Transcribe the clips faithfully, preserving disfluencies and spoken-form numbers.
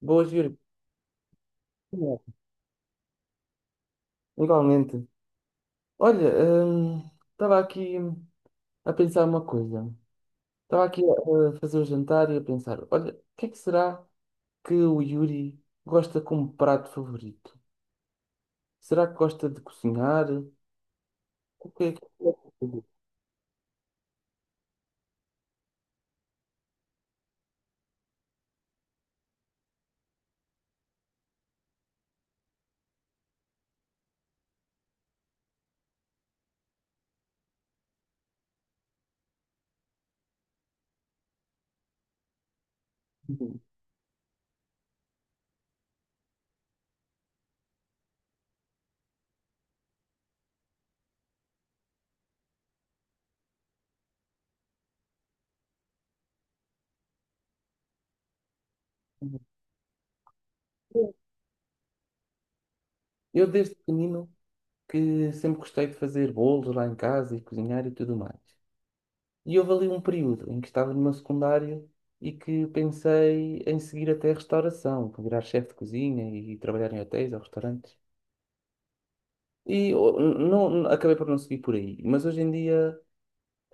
Boas, Yuri. Igualmente. Olha, hum, estava aqui a pensar uma coisa. Estava aqui a a fazer o jantar e a pensar, olha, o que é que será que o Yuri gosta como prato favorito? Será que gosta de cozinhar? O que é que... Eu desde pequenino que sempre gostei de fazer bolos lá em casa e cozinhar e tudo mais. E houve ali um período em que estava no meu secundário e que pensei em seguir até a restauração, para virar chefe de cozinha e trabalhar em hotéis ou restaurantes. E oh, n- não, n- acabei por não seguir por aí. Mas hoje em dia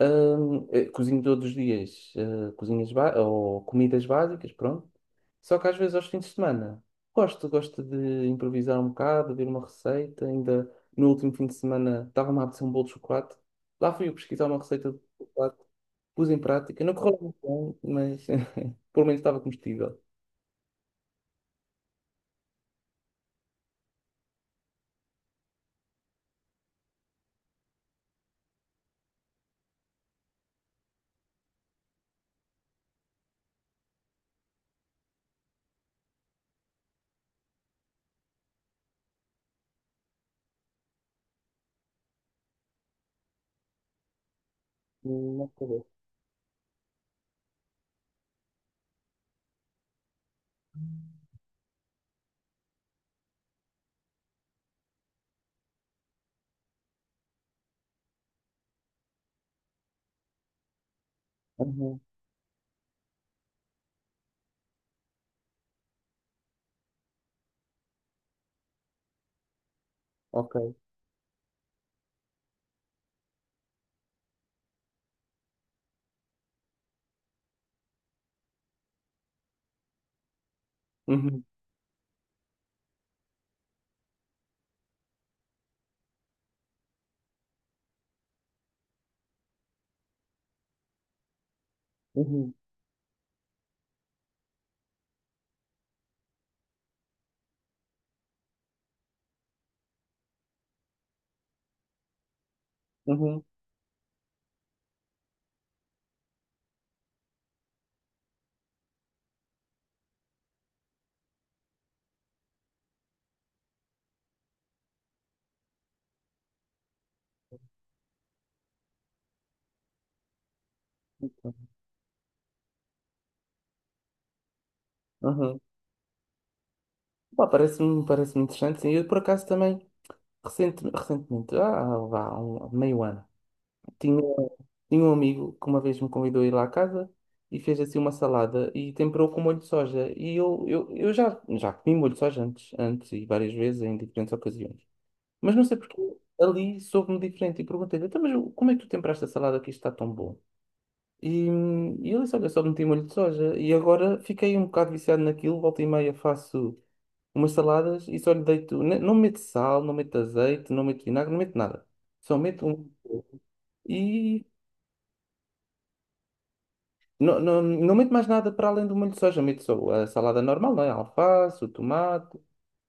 hum, eh, cozinho todos os dias, eh, cozinhas ba- ou comidas básicas, pronto. Só que às vezes aos fins de semana gosto, gosto de improvisar um bocado, ver uma receita. Ainda no último fim de semana estava-me a apetecer um bolo de chocolate. Lá fui eu pesquisar uma receita de chocolate. Pus em prática, não correu muito bem, mas pelo menos estava comestível. Não correu. Uhum, ok. Uhum, uhum, uhum, uhum. Pá, parece-me parece-me interessante, sim. Eu, por acaso, também, recente, recentemente, ah, vá, há um, meio ano, tinha, tinha um amigo que uma vez me convidou a ir lá à casa e fez assim uma salada e temperou com molho de soja. E eu, eu, eu já, já comi molho de soja antes, antes e várias vezes em diferentes ocasiões. Mas não sei porque ali soube-me diferente e perguntei-lhe: então, mas como é que tu temperaste a salada que isto está tão bom? E, e ele disse: olha, só meti molho de soja. E agora fiquei um bocado viciado naquilo, volta e meia faço umas saladas e só lhe deito, ne- não meto sal, não meto azeite, não meto vinagre, não meto nada. Só meto um... E não, não, não meto mais nada para além do molho de soja, meto só a salada normal, não é? A alface, o tomate,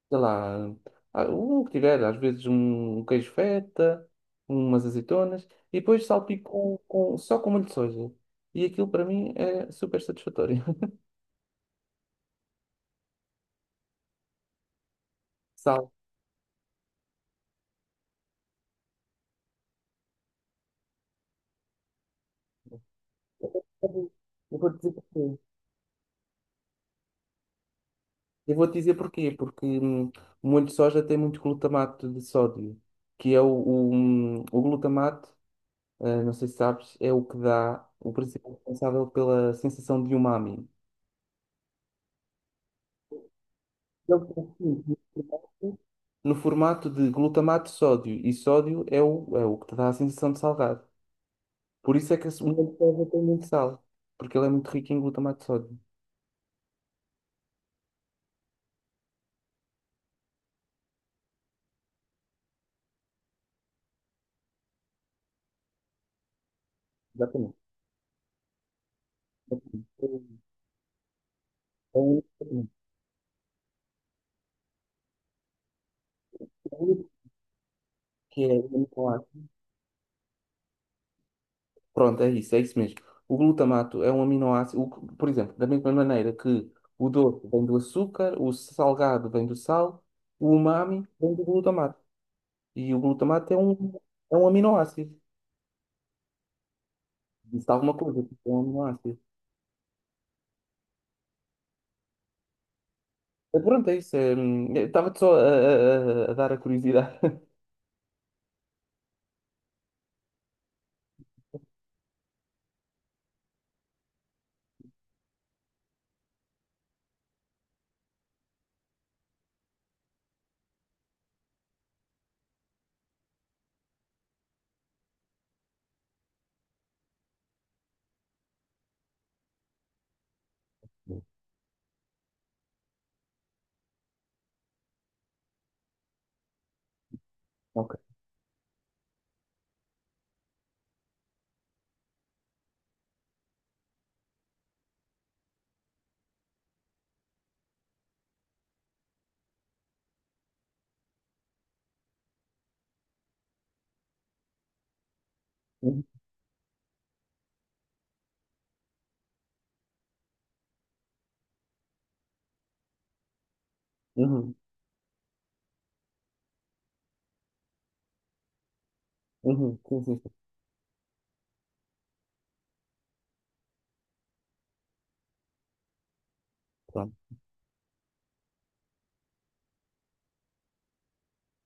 sei lá, ah, o que tiver, às vezes um um queijo feta, umas azeitonas, e depois salpico com, só com molho de soja. E aquilo para mim é super satisfatório. Sal. Eu vou-te dizer porquê. Eu vou-te dizer porquê, porque hum, o molho de soja tem muito glutamato de sódio, que é o, o, hum, o glutamato, ah, não sei se sabes, é o que dá o principal responsável pela sensação de umami. Ele tem no formato de glutamato de sódio, e sódio é o, é o que te dá a sensação de salgado. Por isso é que a segunda prova tem muito sal, porque ele é muito rico em glutamato de sódio. Exatamente. É um aminoácido que é um aminoácido. Pronto, é isso, é isso mesmo. O glutamato é um aminoácido, o que- por exemplo, da mesma maneira que o doce vem do açúcar, o salgado vem do sal, o umami vem do glutamato. E o glutamato é um, é um aminoácido. Disse alguma coisa, tipo, é um ácido. Eh, Pronto, é isso. É, hum, eu estava-te só a, a- a- a dar a curiosidade. Ok. Uhum, uhum, uhum, sim, sim, sim. Pronto.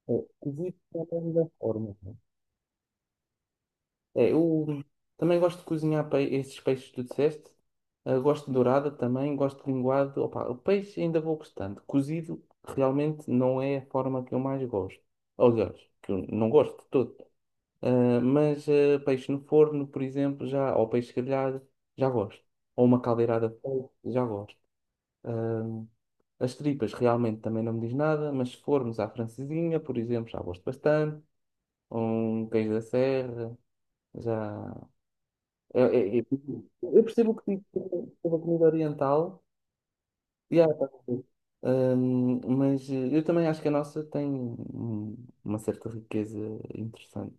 É, cozido é apenas da forma, né? É, É, eu também gosto de cozinhar pe- esses peixes que tu disseste. Eh, gosto de dourada também, gosto de linguado. Opa, o peixe ainda vou gostando. Cozido realmente não é a forma que eu mais gosto. Aliás, que eu não gosto de todo. Ah, mas ah, peixe no forno, por exemplo, já, ou peixe grelhado, já gosto. Ou uma caldeirada de polvo, já gosto. Ah, as tripas realmente também não me diz nada, mas se formos à francesinha, por exemplo, já gosto bastante. Um queijo da serra, já. é- é- é- Eu percebo o que digo sobre a comida oriental. E há- tá bom. Hum, mas eh, eu também acho que a nossa tem hum, uma certa riqueza interessante.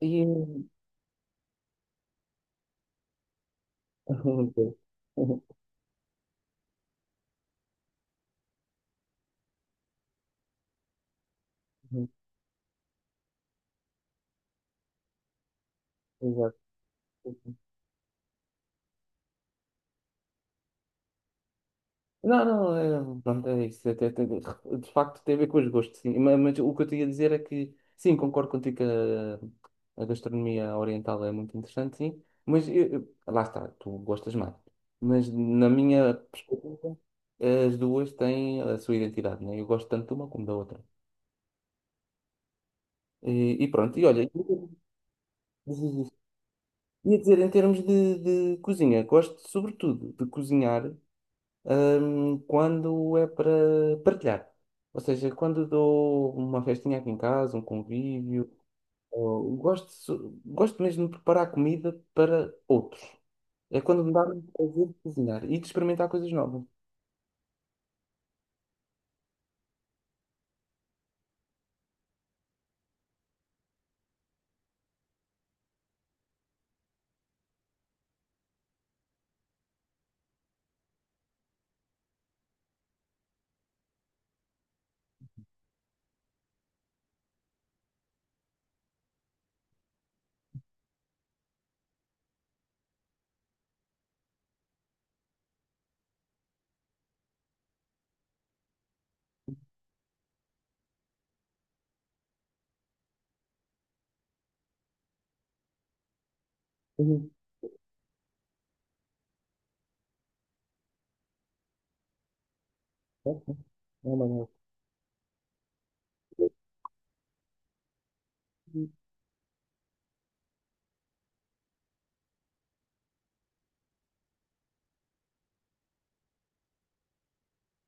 E... Exato. Não, não, é, pronto, é isso. Até- até- de facto, tem a ver com os gostos, sim. Mas, mas o que eu tinha a dizer é que, sim, concordo contigo que a, a gastronomia oriental é muito interessante, sim. Mas eu- eu- lá está, tu gostas mais. Mas na minha perspectiva, as duas têm a sua identidade, né? Eu gosto tanto de uma como da outra. E, e pronto, e olha, ia dizer, em termos de, de cozinha, gosto sobretudo de cozinhar. Hum, quando é para partilhar. Ou seja, quando dou uma festinha aqui em casa, um convívio, ou- gosto, so- gosto mesmo de preparar comida para outros. É quando me dá o prazer de cozinhar e de experimentar coisas novas. Uhum. Ok. É uma boa.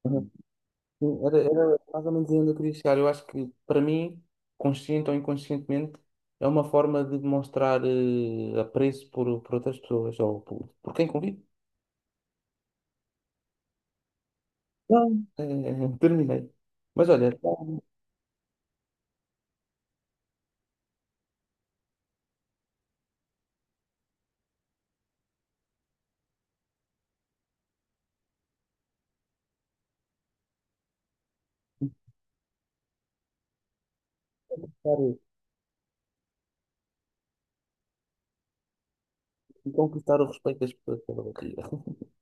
Uhum. Sim, Era, era mais ou menos onde eu queria chegar. Eu acho que, para mim, consciente ou inconscientemente, é uma forma de mostrar eh, apreço por, por outras pessoas ou por, por quem convive. Não, é, é, terminei. Mas olha, está a conquistar e conquistar o respeito das pessoas pela barriga.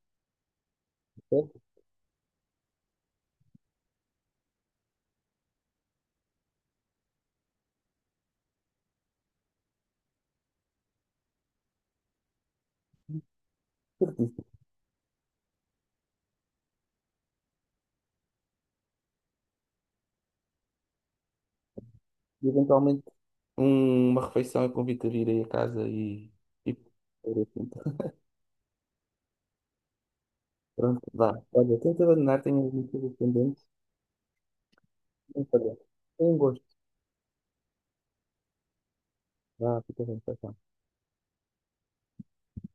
Certo? Certíssimo. E eventualmente um- uma refeição eu convido a vir aí a casa e. E fazer assim. Pronto, vá. Olha, tento abandonar, tenho algumas coisas pendentes. Mas olha, tem um gosto. Vá, fica bem, tchau, tchau.